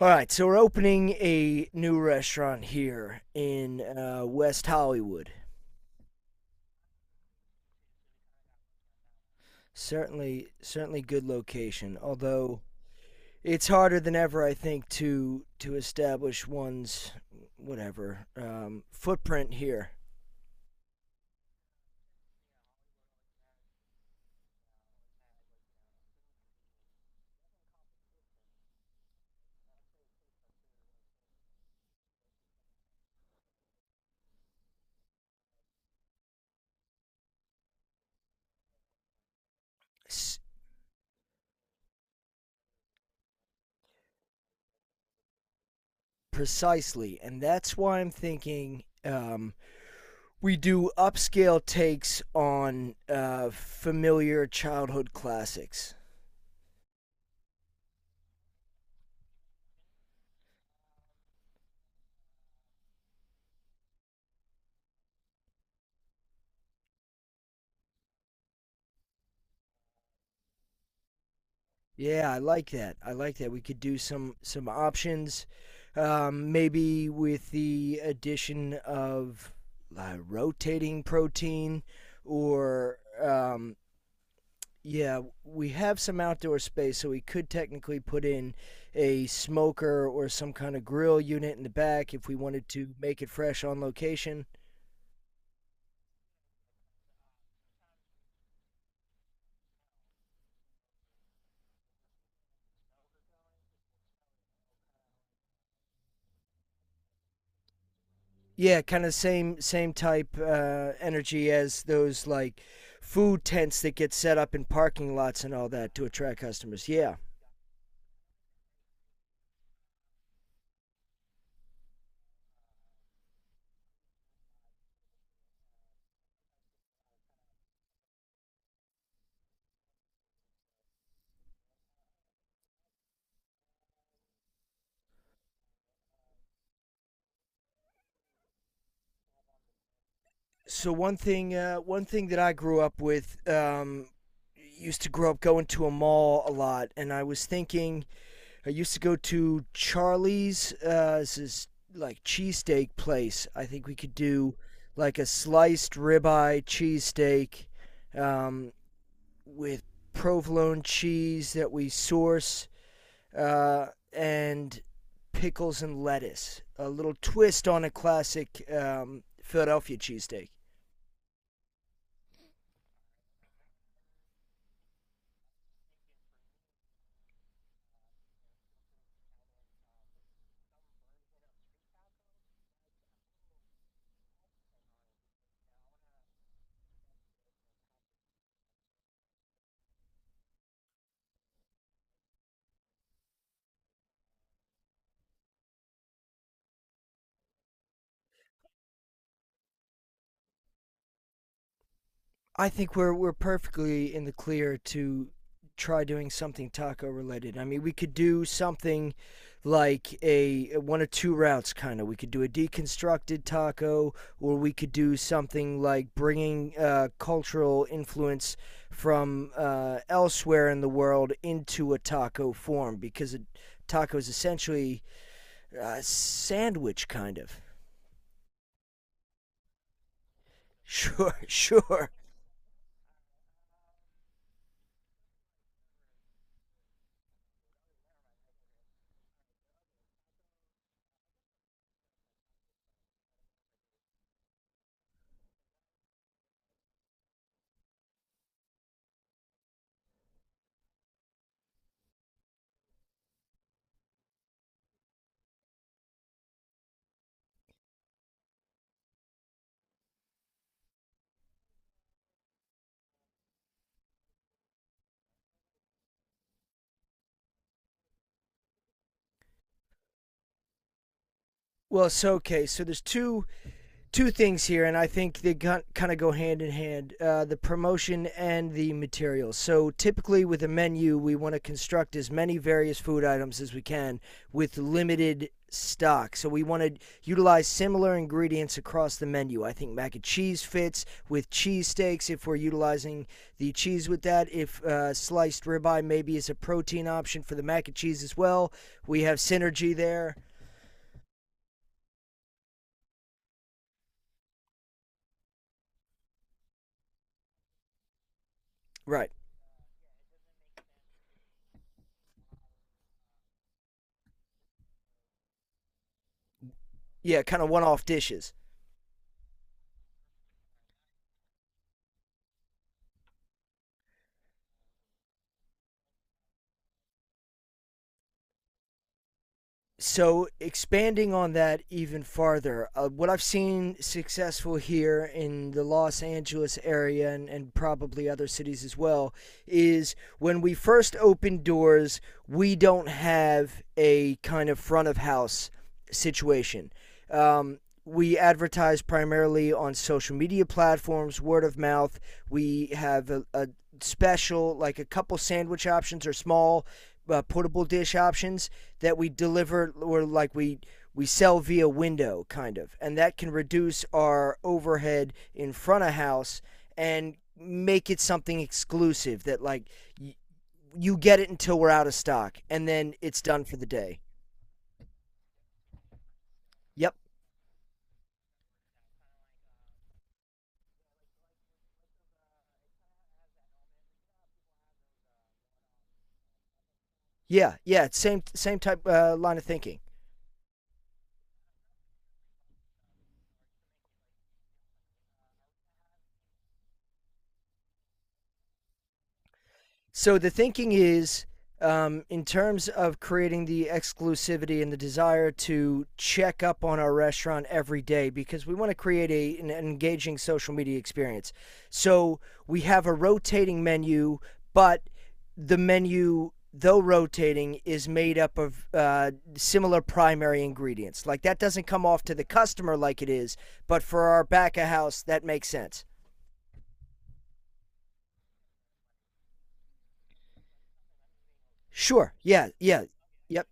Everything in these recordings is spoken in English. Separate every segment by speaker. Speaker 1: All right, so we're opening a new restaurant here in West Hollywood. Certainly, certainly good location. Although it's harder than ever, I think, to establish one's whatever footprint here. S- Precisely, and that's why I'm thinking we do upscale takes on familiar childhood classics. Yeah, I like that. I like that. We could do some options, maybe with the addition of rotating protein, or yeah, we have some outdoor space, so we could technically put in a smoker or some kind of grill unit in the back if we wanted to make it fresh on location. Yeah, kind of same type energy as those like food tents that get set up in parking lots and all that to attract customers. Yeah. So one thing that I grew up with, used to grow up going to a mall a lot, and I was thinking I used to go to Charlie's. This is like cheesesteak place. I think we could do like a sliced ribeye cheesesteak, um, with provolone cheese that we source, uh, and pickles and lettuce. A little twist on a classic Philadelphia cheesesteak. I think we're perfectly in the clear to try doing something taco related. I mean, we could do something like a one of two routes kind of. We could do a deconstructed taco, or we could do something like bringing cultural influence from elsewhere in the world into a taco form, because a taco is essentially a sandwich kind of. Sure, sure. Well, so okay, so there's two things here, and I think they kind of go hand in hand, the promotion and the materials. So typically with a menu, we want to construct as many various food items as we can with limited stock. So we want to utilize similar ingredients across the menu. I think mac and cheese fits with cheesesteaks if we're utilizing the cheese with that. If sliced ribeye maybe is a protein option for the mac and cheese as well, we have synergy there. Right. Yeah, kind of one off dishes. So expanding on that even farther, what I've seen successful here in the Los Angeles area, and probably other cities as well, is when we first open doors, we don't have a kind of front of house situation. Um, we advertise primarily on social media platforms, word of mouth. We have a special, like a couple sandwich options or small portable dish options that we deliver, or like we sell via window kind of, and that can reduce our overhead in front of house and make it something exclusive that like y- you get it until we're out of stock and then it's done for the day. Yep. Yeah, yeah, same type line of thinking. So the thinking is, in terms of creating the exclusivity and the desire to check up on our restaurant every day, because we want to create a, an engaging social media experience. So we have a rotating menu, but the menu, though rotating, is made up of similar primary ingredients. Like that doesn't come off to the customer like it is, but for our back of house, that makes sense. Sure. Yeah. Yeah. Yep.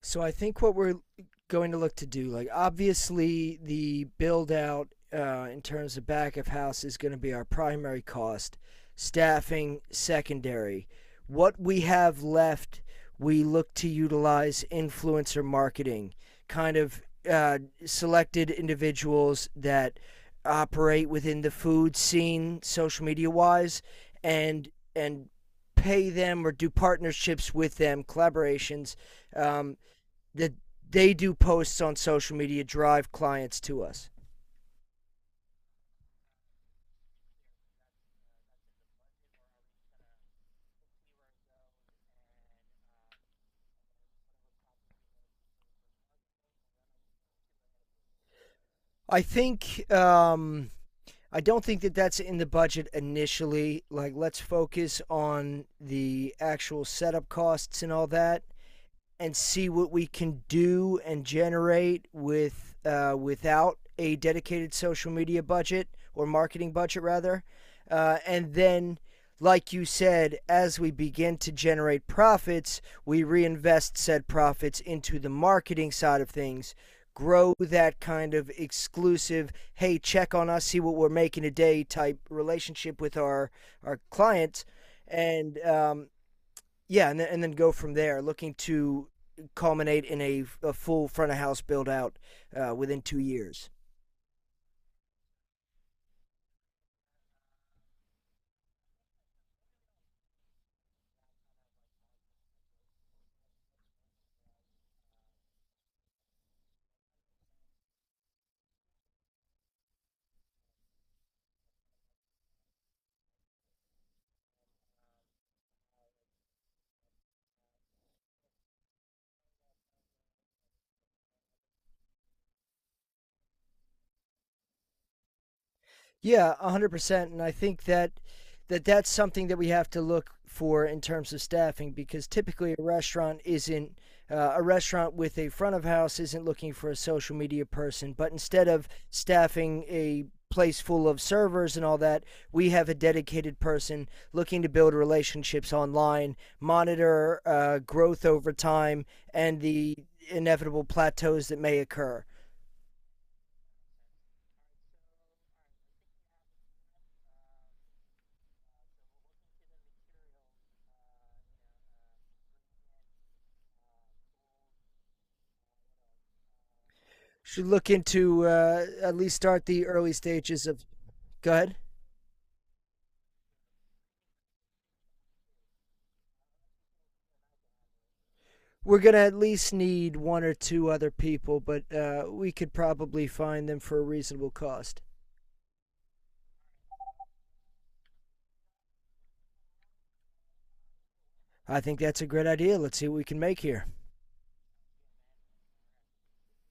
Speaker 1: So I think what we're going to look to do, like obviously the build out in terms of back of house is going to be our primary cost, staffing secondary. What we have left, we look to utilize influencer marketing, kind of uh, selected individuals that operate within the food scene, social media wise, and and pay them or do partnerships with them, collaborations, um, that they do posts on social media, drive clients to us. I think I don't think that that's in the budget initially. Like, let's focus on the actual setup costs and all that. And see what we can do and generate with without a dedicated social media budget or marketing budget rather. And then, like you said, as we begin to generate profits, we reinvest said profits into the marketing side of things. Grow that kind of exclusive, hey, check on us, see what we're making today type relationship with our clients. And yeah, and then go from there, looking to culminate in a full front of house build out within 2 years. Yeah, 100%. And I think that, that that's something that we have to look for in terms of staffing, because typically a restaurant isn't a restaurant with a front of house isn't looking for a social media person, but instead of staffing a place full of servers and all that, we have a dedicated person looking to build relationships online, monitor growth over time, and the inevitable plateaus that may occur. Should look into at least start the early stages of. Go ahead. We're gonna at least need one or two other people, but we could probably find them for a reasonable cost. I think that's a great idea. Let's see what we can make here.